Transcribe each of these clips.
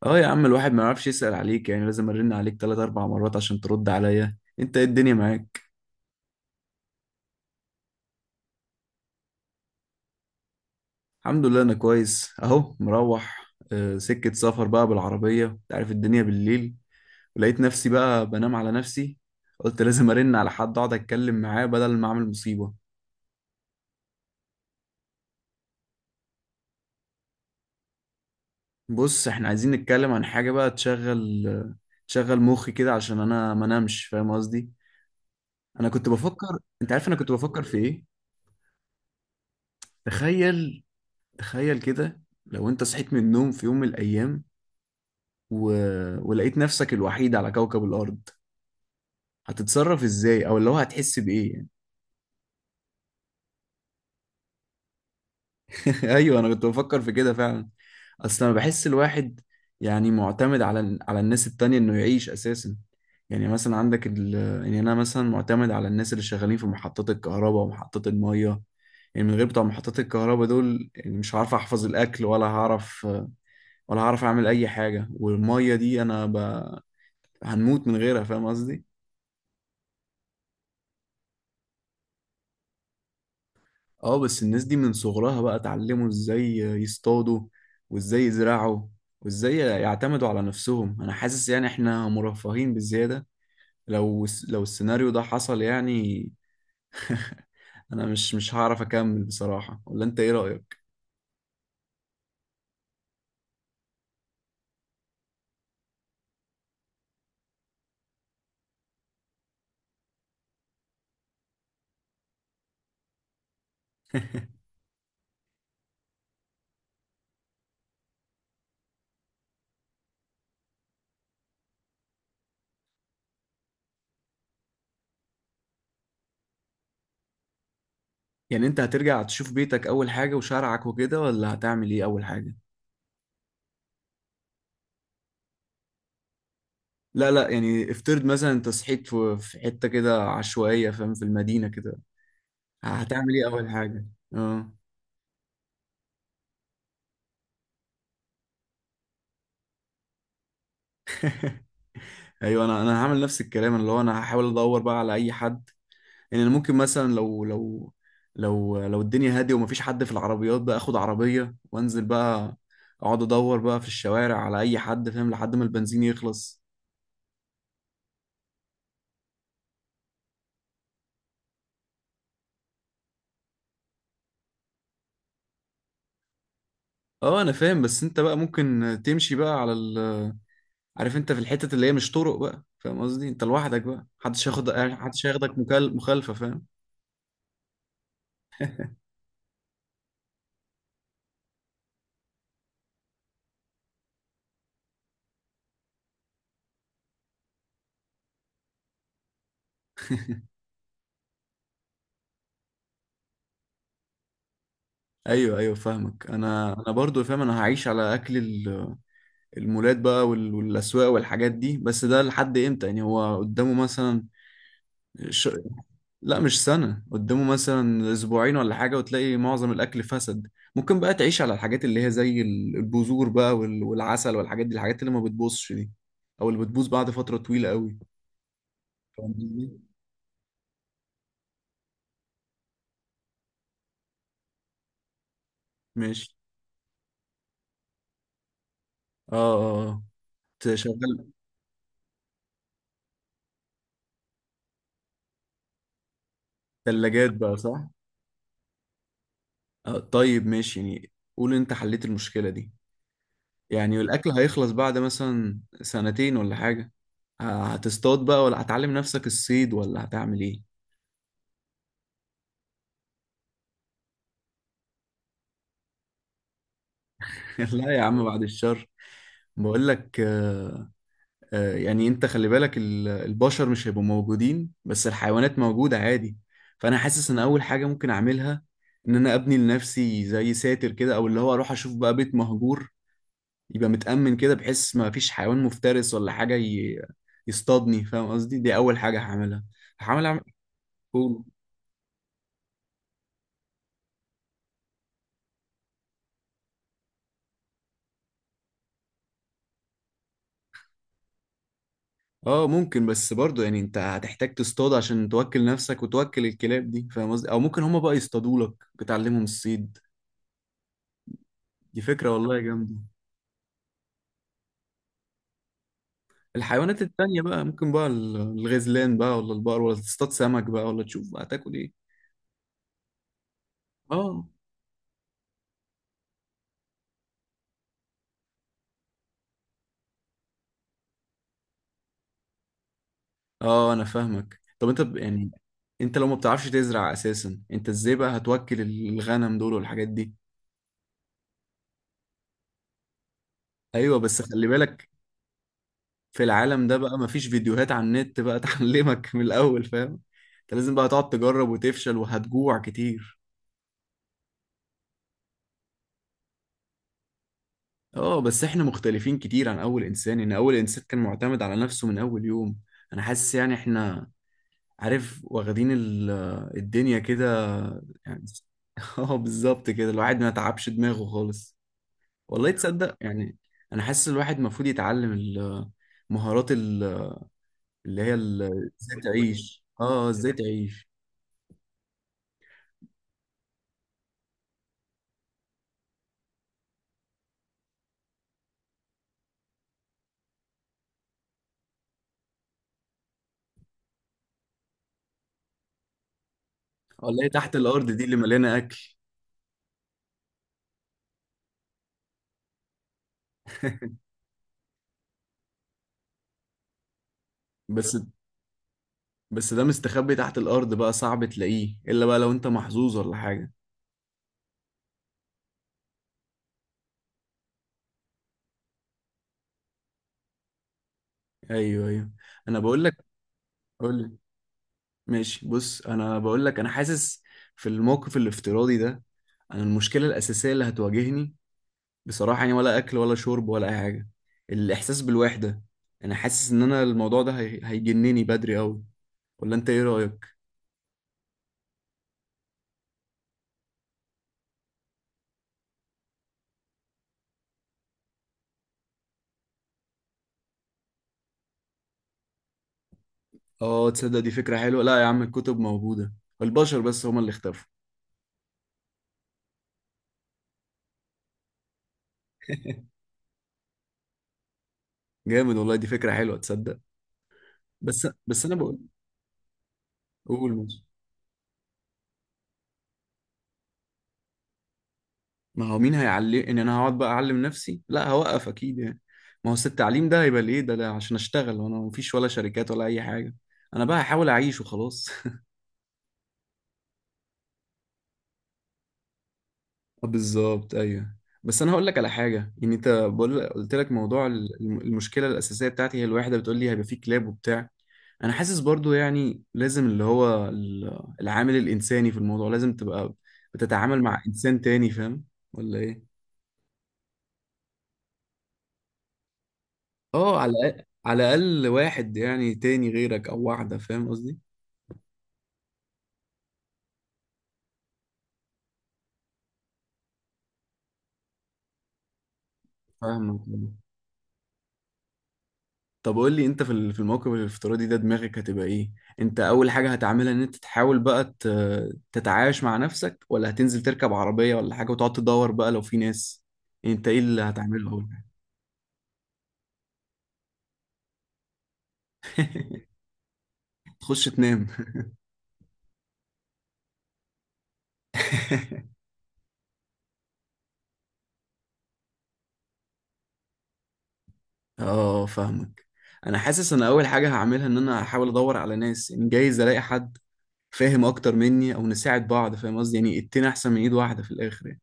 اه يا عم، الواحد ما يعرفش يسأل عليك؟ يعني لازم ارن عليك تلات اربع مرات عشان ترد عليا؟ انت ايه الدنيا معاك؟ الحمد لله انا كويس، اهو مروح سكة سفر بقى بالعربية، انت عارف الدنيا بالليل. ولقيت نفسي بقى بنام على نفسي، قلت لازم ارن على حد اقعد اتكلم معاه بدل ما اعمل مصيبة. بص، احنا عايزين نتكلم عن حاجة بقى تشغل تشغل مخي كده عشان انا ما نامش، فاهم قصدي. انا كنت بفكر، انت عارف انا كنت بفكر في ايه؟ تخيل، تخيل كده، لو انت صحيت من النوم في يوم من الايام و... ولقيت نفسك الوحيد على كوكب الأرض، هتتصرف إزاي، أو اللي هو هتحس بإيه يعني. أيوه، أنا كنت بفكر في كده فعلا. أصل أنا بحس الواحد يعني معتمد على على الناس التانية إنه يعيش أساسا. يعني مثلا عندك يعني أنا مثلا معتمد على الناس اللي شغالين في محطات الكهرباء ومحطات المية. يعني من غير بتوع محطات الكهرباء دول، يعني مش هعرف احفظ الاكل ولا هعرف، ولا هعرف اعمل اي حاجه. والميه دي هنموت من غيرها، فاهم قصدي. اه بس الناس دي من صغرها بقى اتعلموا ازاي يصطادوا، وازاي يزرعوا، وازاي يعتمدوا على نفسهم. انا حاسس يعني احنا مرفهين بزيادة، لو السيناريو ده حصل يعني. انا مش هعرف اكمل بصراحة، ولا انت ايه رأيك؟ يعني انت هترجع تشوف بيتك اول حاجة وشارعك وكده، ولا هتعمل ايه اول حاجة؟ لا لا، يعني افترض مثلا انت صحيت في حتة كده عشوائية، فاهم، في المدينة كده، هتعمل ايه اول حاجة؟ اه. ايوه، انا هعمل نفس الكلام، اللي هو انا هحاول ادور بقى على اي حد. يعني انا ممكن مثلا لو الدنيا هاديه ومفيش حد في العربيات، بقى اخد عربيه وانزل بقى، اقعد ادور بقى في الشوارع على اي حد، فاهم، لحد ما البنزين يخلص. اه انا فاهم، بس انت بقى ممكن تمشي بقى على عارف، انت في الحتت اللي هي مش طرق بقى، فاهم قصدي، انت لوحدك بقى، محدش هياخد، محدش هياخدك مخالفه، فاهم. ايوه ايوه فاهمك، انا برضو فاهم. انا هعيش على اكل المولات بقى والاسواق والحاجات دي، بس ده لحد امتى يعني؟ هو قدامه مثلا؟ ش... لا مش سنة، قدامه مثلا اسبوعين ولا حاجة، وتلاقي معظم الاكل فسد. ممكن بقى تعيش على الحاجات اللي هي زي البذور بقى والعسل والحاجات دي، الحاجات اللي ما بتبوظش دي، او اللي بتبوظ بعد فترة طويلة قوي. فاهم قصدي؟ ماشي. اه اه آه. تشغل ثلاجات بقى، صح؟ آه طيب، ماشي يعني. قول، انت حليت المشكلة دي، يعني الأكل هيخلص بعد مثلا سنتين ولا حاجة، هتصطاد بقى ولا هتعلم نفسك الصيد ولا هتعمل ايه؟ لا يا عم، بعد الشر. بقول لك يعني انت خلي بالك، البشر مش هيبقوا موجودين، بس الحيوانات موجودة عادي. فانا حاسس ان اول حاجة ممكن اعملها ان انا ابني لنفسي زي ساتر كده، او اللي هو اروح اشوف بقى بيت مهجور يبقى متأمن كده، بحيث ما فيش حيوان مفترس ولا حاجة يصطادني، فاهم قصدي. دي اول حاجة هعملها. هعمل. اعمل. اه ممكن، بس برضه يعني انت هتحتاج تصطاد عشان توكل نفسك وتوكل الكلاب دي، فاهم قصدي، او ممكن هما بقى يصطادوا لك، بتعلمهم الصيد. دي فكرة والله جامدة. الحيوانات التانية بقى، ممكن بقى الغزلان بقى ولا البقر، ولا تصطاد سمك بقى، ولا تشوف بقى هتاكل ايه. اه اه انا فاهمك. طب انت يعني انت لو ما بتعرفش تزرع اساسا، انت ازاي بقى هتوكل الغنم دول والحاجات دي؟ ايوه بس خلي بالك، في العالم ده بقى مفيش فيديوهات على النت بقى تعلمك من الأول، فاهم. انت لازم بقى تقعد تجرب وتفشل، وهتجوع كتير. اه بس احنا مختلفين كتير عن أول إنسان، إن أول إنسان كان معتمد على نفسه من أول يوم. أنا حاسس يعني احنا، عارف، واخدين الدنيا كده يعني. اه بالظبط كده، الواحد ما تعبش دماغه خالص. والله تصدق يعني، أنا حاسس الواحد المفروض يتعلم مهارات اللي هي ازاي تعيش، اه ازاي تعيش. ولا ايه، تحت الارض دي اللي مليانه اكل؟ بس بس ده مستخبي تحت الارض بقى، صعب تلاقيه الا بقى لو انت محظوظ ولا حاجه. ايوه ايوه. انا بقول لك. قول لي. ماشي، بص انا بقول لك، انا حاسس في الموقف الافتراضي ده، انا المشكله الاساسيه اللي هتواجهني بصراحه يعني، ولا اكل ولا شرب ولا اي حاجه، الاحساس بالوحده. انا حاسس ان انا الموضوع ده هيجنني بدري قوي، ولا انت ايه رايك؟ اه تصدق دي فكره حلوه. لا يا عم، الكتب موجوده، البشر بس هما اللي اختفوا. جامد والله، دي فكرة حلوة تصدق. بس بس انا بقول. قول ماشي. ما هو مين هيعلم؟ ان انا هقعد بقى اعلم نفسي؟ لا هوقف اكيد يعني. ما هو أصل التعليم ده هيبقى ليه ده؟ لا عشان اشتغل وانا مفيش ولا شركات ولا اي حاجة. انا بقى هحاول اعيش وخلاص. بالظبط، ايوه. بس انا هقول لك على حاجة يعني، انت بقول قلت لك، موضوع المشكلة الاساسية بتاعتي هي الوحدة، بتقول لي هيبقى فيه كلاب وبتاع. انا حاسس برضو يعني لازم اللي هو العامل الانساني في الموضوع لازم تبقى بتتعامل مع انسان تاني، فاهم، ولا ايه؟ اه على الأقل، على الاقل واحد يعني تاني غيرك، او واحده، فاهم قصدي. فاهمك. طب قول لي انت، في في الموقف الافتراضي ده دماغك هتبقى ايه؟ انت اول حاجه هتعملها ان انت تحاول بقى تتعايش مع نفسك، ولا هتنزل تركب عربيه ولا حاجه وتقعد تدور بقى لو في ناس؟ انت ايه اللي هتعمله اول حاجه؟ تخش تنام؟ اه فاهمك. انا حاسس انا اول حاجه هعملها ان انا هحاول ادور على ناس، ان جايز الاقي حد فاهم اكتر مني، او نساعد بعض، فاهم قصدي، يعني اتنين احسن من ايد واحده في الاخر يعني.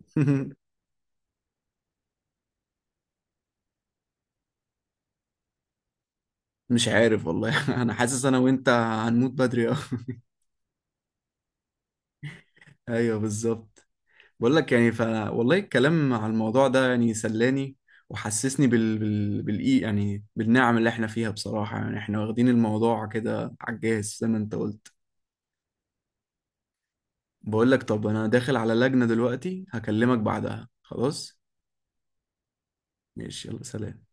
مش عارف والله. انا حاسس انا وانت هنموت بدري أوي. ايوه بالظبط. بقول لك يعني، ف والله الكلام على الموضوع ده يعني سلاني، وحسسني بالإي يعني بالنعم اللي احنا فيها بصراحة. يعني احنا واخدين الموضوع كده على الجاهز، زي ما انت قلت. بقول لك، طب انا داخل على لجنة دلوقتي، هكلمك بعدها خلاص. ماشي يلا سلام.